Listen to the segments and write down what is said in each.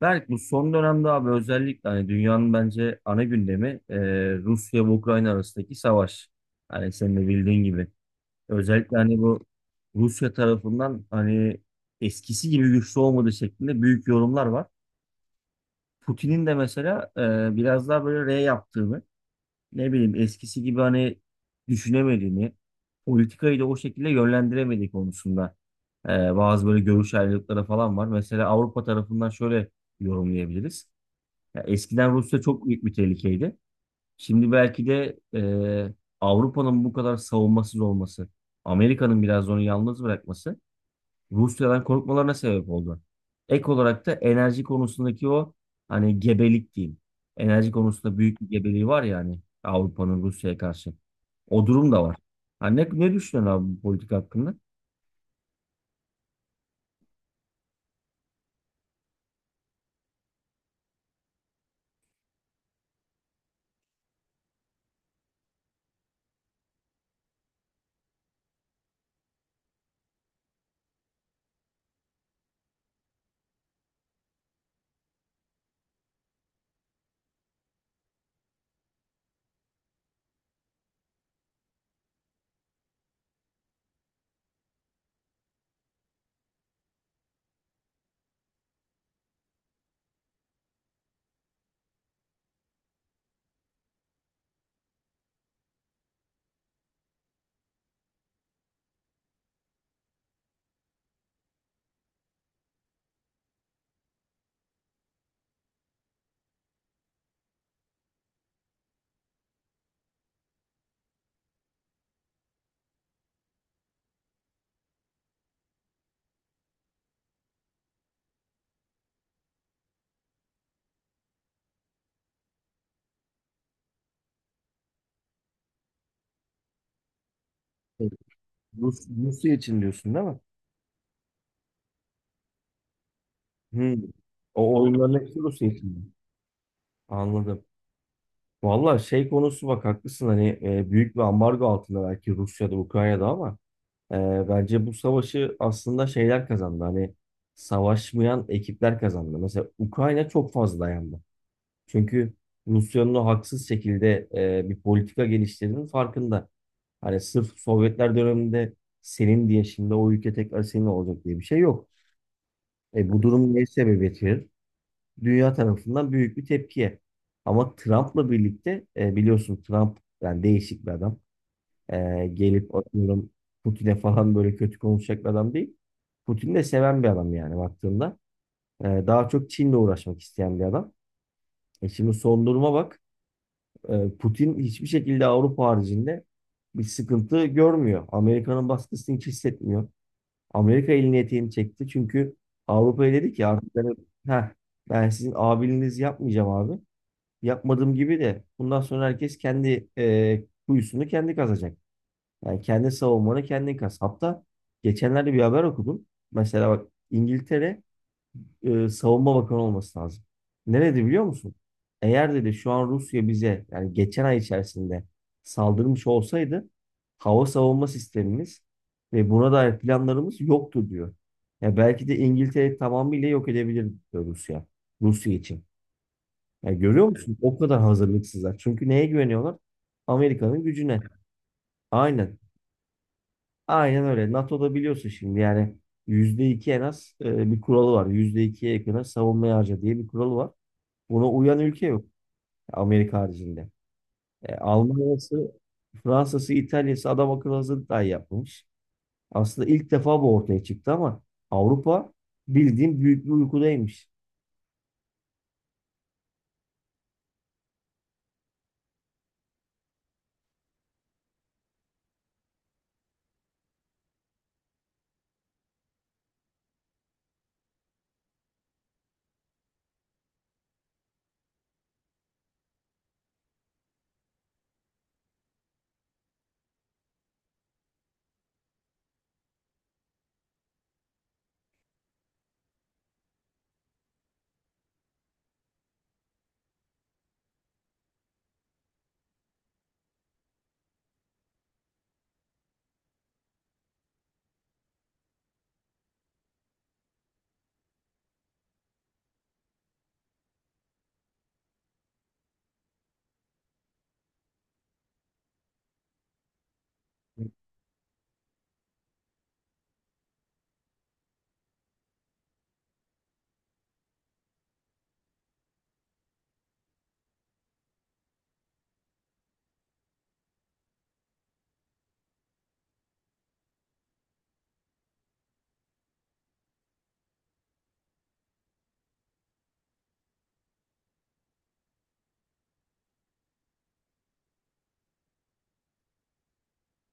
Berk bu son dönemde abi özellikle hani dünyanın bence ana gündemi Rusya ve Ukrayna arasındaki savaş. Hani senin de bildiğin gibi. Özellikle hani bu Rusya tarafından hani eskisi gibi güçlü olmadığı şeklinde büyük yorumlar var. Putin'in de mesela biraz daha böyle R yaptığını, ne bileyim eskisi gibi hani düşünemediğini, politikayı da o şekilde yönlendiremediği konusunda e, bazı böyle görüş ayrılıkları falan var. Mesela Avrupa tarafından şöyle yorumlayabiliriz. Ya eskiden Rusya çok büyük bir tehlikeydi. Şimdi belki de Avrupa'nın bu kadar savunmasız olması, Amerika'nın biraz onu yalnız bırakması Rusya'dan korkmalarına sebep oldu. Ek olarak da enerji konusundaki o hani gebelik diyeyim. Enerji konusunda büyük bir gebeliği var ya hani Avrupa'nın Rusya'ya karşı. O durum da var. Ha, ne düşünüyorsun abi bu politika hakkında? Evet, Rusya için diyorsun değil mi? Hı. O oyunların hepsi Rusya için. Anladım. Valla şey konusu bak haklısın hani büyük bir ambargo altında belki Rusya'da Ukrayna'da ama e, bence bu savaşı aslında şeyler kazandı hani savaşmayan ekipler kazandı. Mesela Ukrayna çok fazla dayandı. Çünkü Rusya'nın o haksız şekilde bir politika geliştirdiğinin farkında. Hani sırf Sovyetler döneminde senin diye şimdi o ülke tekrar senin olacak diye bir şey yok. Bu durum ne sebebiyet verir? Dünya tarafından büyük bir tepkiye. Ama Trump'la birlikte biliyorsun Trump yani değişik bir adam. Gelip atıyorum Putin'e falan böyle kötü konuşacak bir adam değil. Putin'i de seven bir adam yani baktığında. Daha çok Çin'le uğraşmak isteyen bir adam. Şimdi son duruma bak. Putin hiçbir şekilde Avrupa haricinde bir sıkıntı görmüyor. Amerika'nın baskısını hiç hissetmiyor. Amerika elini eteğini çekti. Çünkü Avrupa'ya dedi ki artık ben, heh, ben sizin abiliğinizi yapmayacağım abi, yapmadığım gibi de bundan sonra herkes kendi kuyusunu kendi kazacak. Yani kendi savunmanı kendin kaz. Hatta geçenlerde bir haber okudum. Mesela bak İngiltere savunma bakanı olması lazım. Nerede biliyor musun? Eğer dedi şu an Rusya bize yani geçen ay içerisinde saldırmış olsaydı hava savunma sistemimiz ve buna dair planlarımız yoktu diyor. Ya belki de İngiltere tamamıyla yok edebilir diyor Rusya. Rusya için. Ya görüyor musun? O kadar hazırlıksızlar. Çünkü neye güveniyorlar? Amerika'nın gücüne. Aynen. Aynen öyle. NATO'da biliyorsun şimdi yani %2 en az bir kuralı var. %2'ye yakın savunmaya harca diye bir kuralı var. Buna uyan ülke yok. Amerika haricinde. Almanya'sı, Fransa'sı, İtalya'sı adam akıllı hazırlık dahi yapmamış. Aslında ilk defa bu ortaya çıktı ama Avrupa bildiğin büyük bir uykudaymış.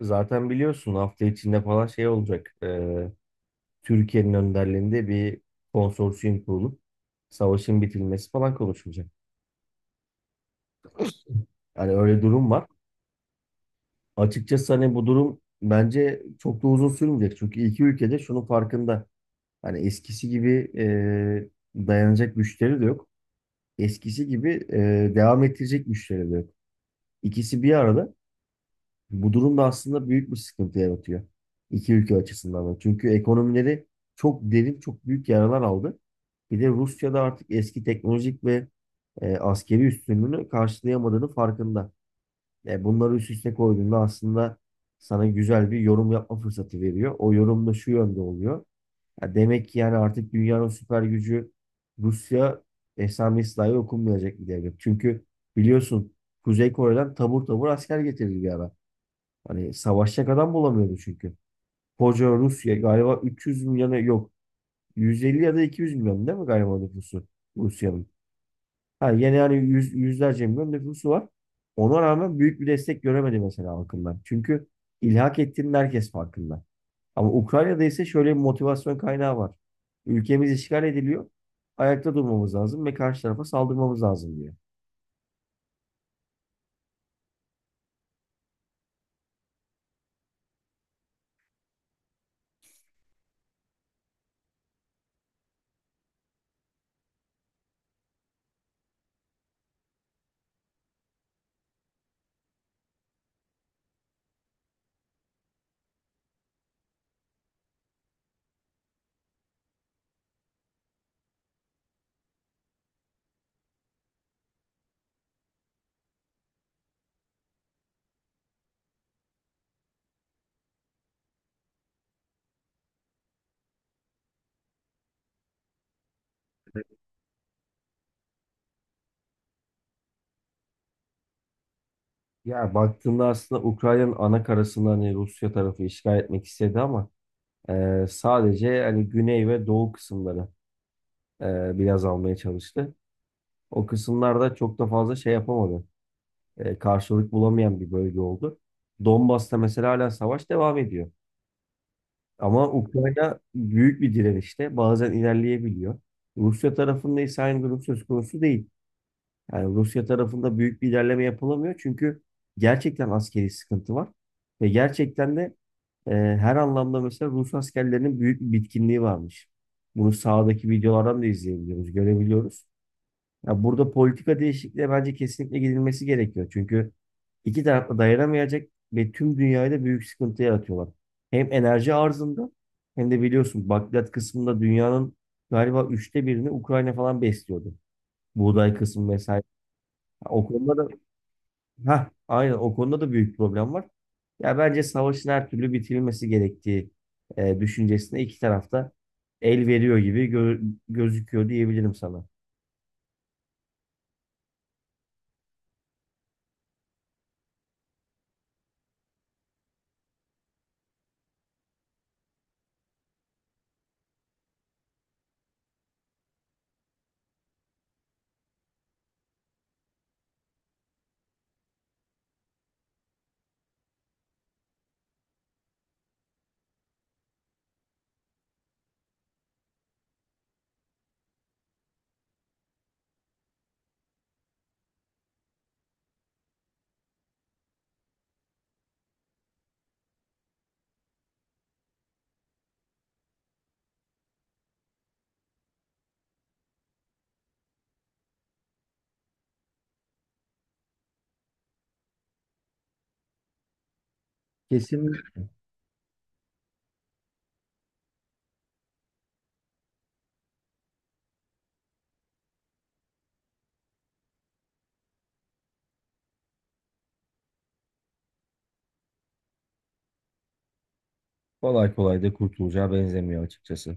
Zaten biliyorsun hafta içinde falan şey olacak. Türkiye'nin önderliğinde bir konsorsiyum kurulup savaşın bitilmesi falan konuşulacak. Yani öyle durum var. Açıkçası hani bu durum bence çok da uzun sürmeyecek. Çünkü iki ülkede şunun farkında. Hani eskisi gibi dayanacak güçleri de yok. Eskisi gibi devam ettirecek güçleri de yok. İkisi bir arada. Bu durum da aslında büyük bir sıkıntı yaratıyor. İki ülke açısından da. Çünkü ekonomileri çok derin, çok büyük yaralar aldı. Bir de Rusya'da artık eski teknolojik ve askeri üstünlüğünü karşılayamadığını farkında. Bunları üst üste koyduğunda aslında sana güzel bir yorum yapma fırsatı veriyor. O yorum da şu yönde oluyor. Ya demek ki yani artık dünyanın süper gücü Rusya esamesi dahi okunmayacak bir devlet. Çünkü biliyorsun Kuzey Kore'den tabur tabur asker getirdi bir ara. Hani savaşacak adam bulamıyordu çünkü. Koca Rusya galiba 300 milyona yok. 150 ya da 200 milyon değil mi galiba nüfusu Rusya'nın? Ha, yani yüzlerce milyon nüfusu var. Ona rağmen büyük bir destek göremedi mesela halkından. Çünkü ilhak ettiğinin herkes farkında. Ama Ukrayna'da ise şöyle bir motivasyon kaynağı var. Ülkemiz işgal ediliyor. Ayakta durmamız lazım ve karşı tarafa saldırmamız lazım diyor. Ya baktığında aslında Ukrayna'nın ana karasını hani Rusya tarafı işgal etmek istedi ama sadece hani güney ve doğu kısımları biraz almaya çalıştı. O kısımlarda çok da fazla şey yapamadı. Karşılık bulamayan bir bölge oldu. Donbas'ta mesela hala savaş devam ediyor. Ama Ukrayna büyük bir direnişte bazen ilerleyebiliyor. Rusya tarafında ise aynı durum söz konusu değil. Yani Rusya tarafında büyük bir ilerleme yapılamıyor çünkü gerçekten askeri sıkıntı var. Ve gerçekten de her anlamda mesela Rus askerlerinin büyük bir bitkinliği varmış. Bunu sahadaki videolardan da izleyebiliyoruz, görebiliyoruz. Ya burada politika değişikliğe bence kesinlikle gidilmesi gerekiyor. Çünkü iki taraf da dayanamayacak ve tüm dünyayı da büyük sıkıntı yaratıyorlar. Hem enerji arzında hem de biliyorsun bakliyat kısmında dünyanın galiba 1/3'ünü Ukrayna falan besliyordu. Buğday kısmı vesaire. O konuda da, ha aynen, o konuda da büyük problem var. Ya bence savaşın her türlü bitirilmesi gerektiği düşüncesine iki tarafta el veriyor gibi gözüküyor diyebilirim sana. Kesin. Kolay kolay da kurtulacağı benzemiyor açıkçası.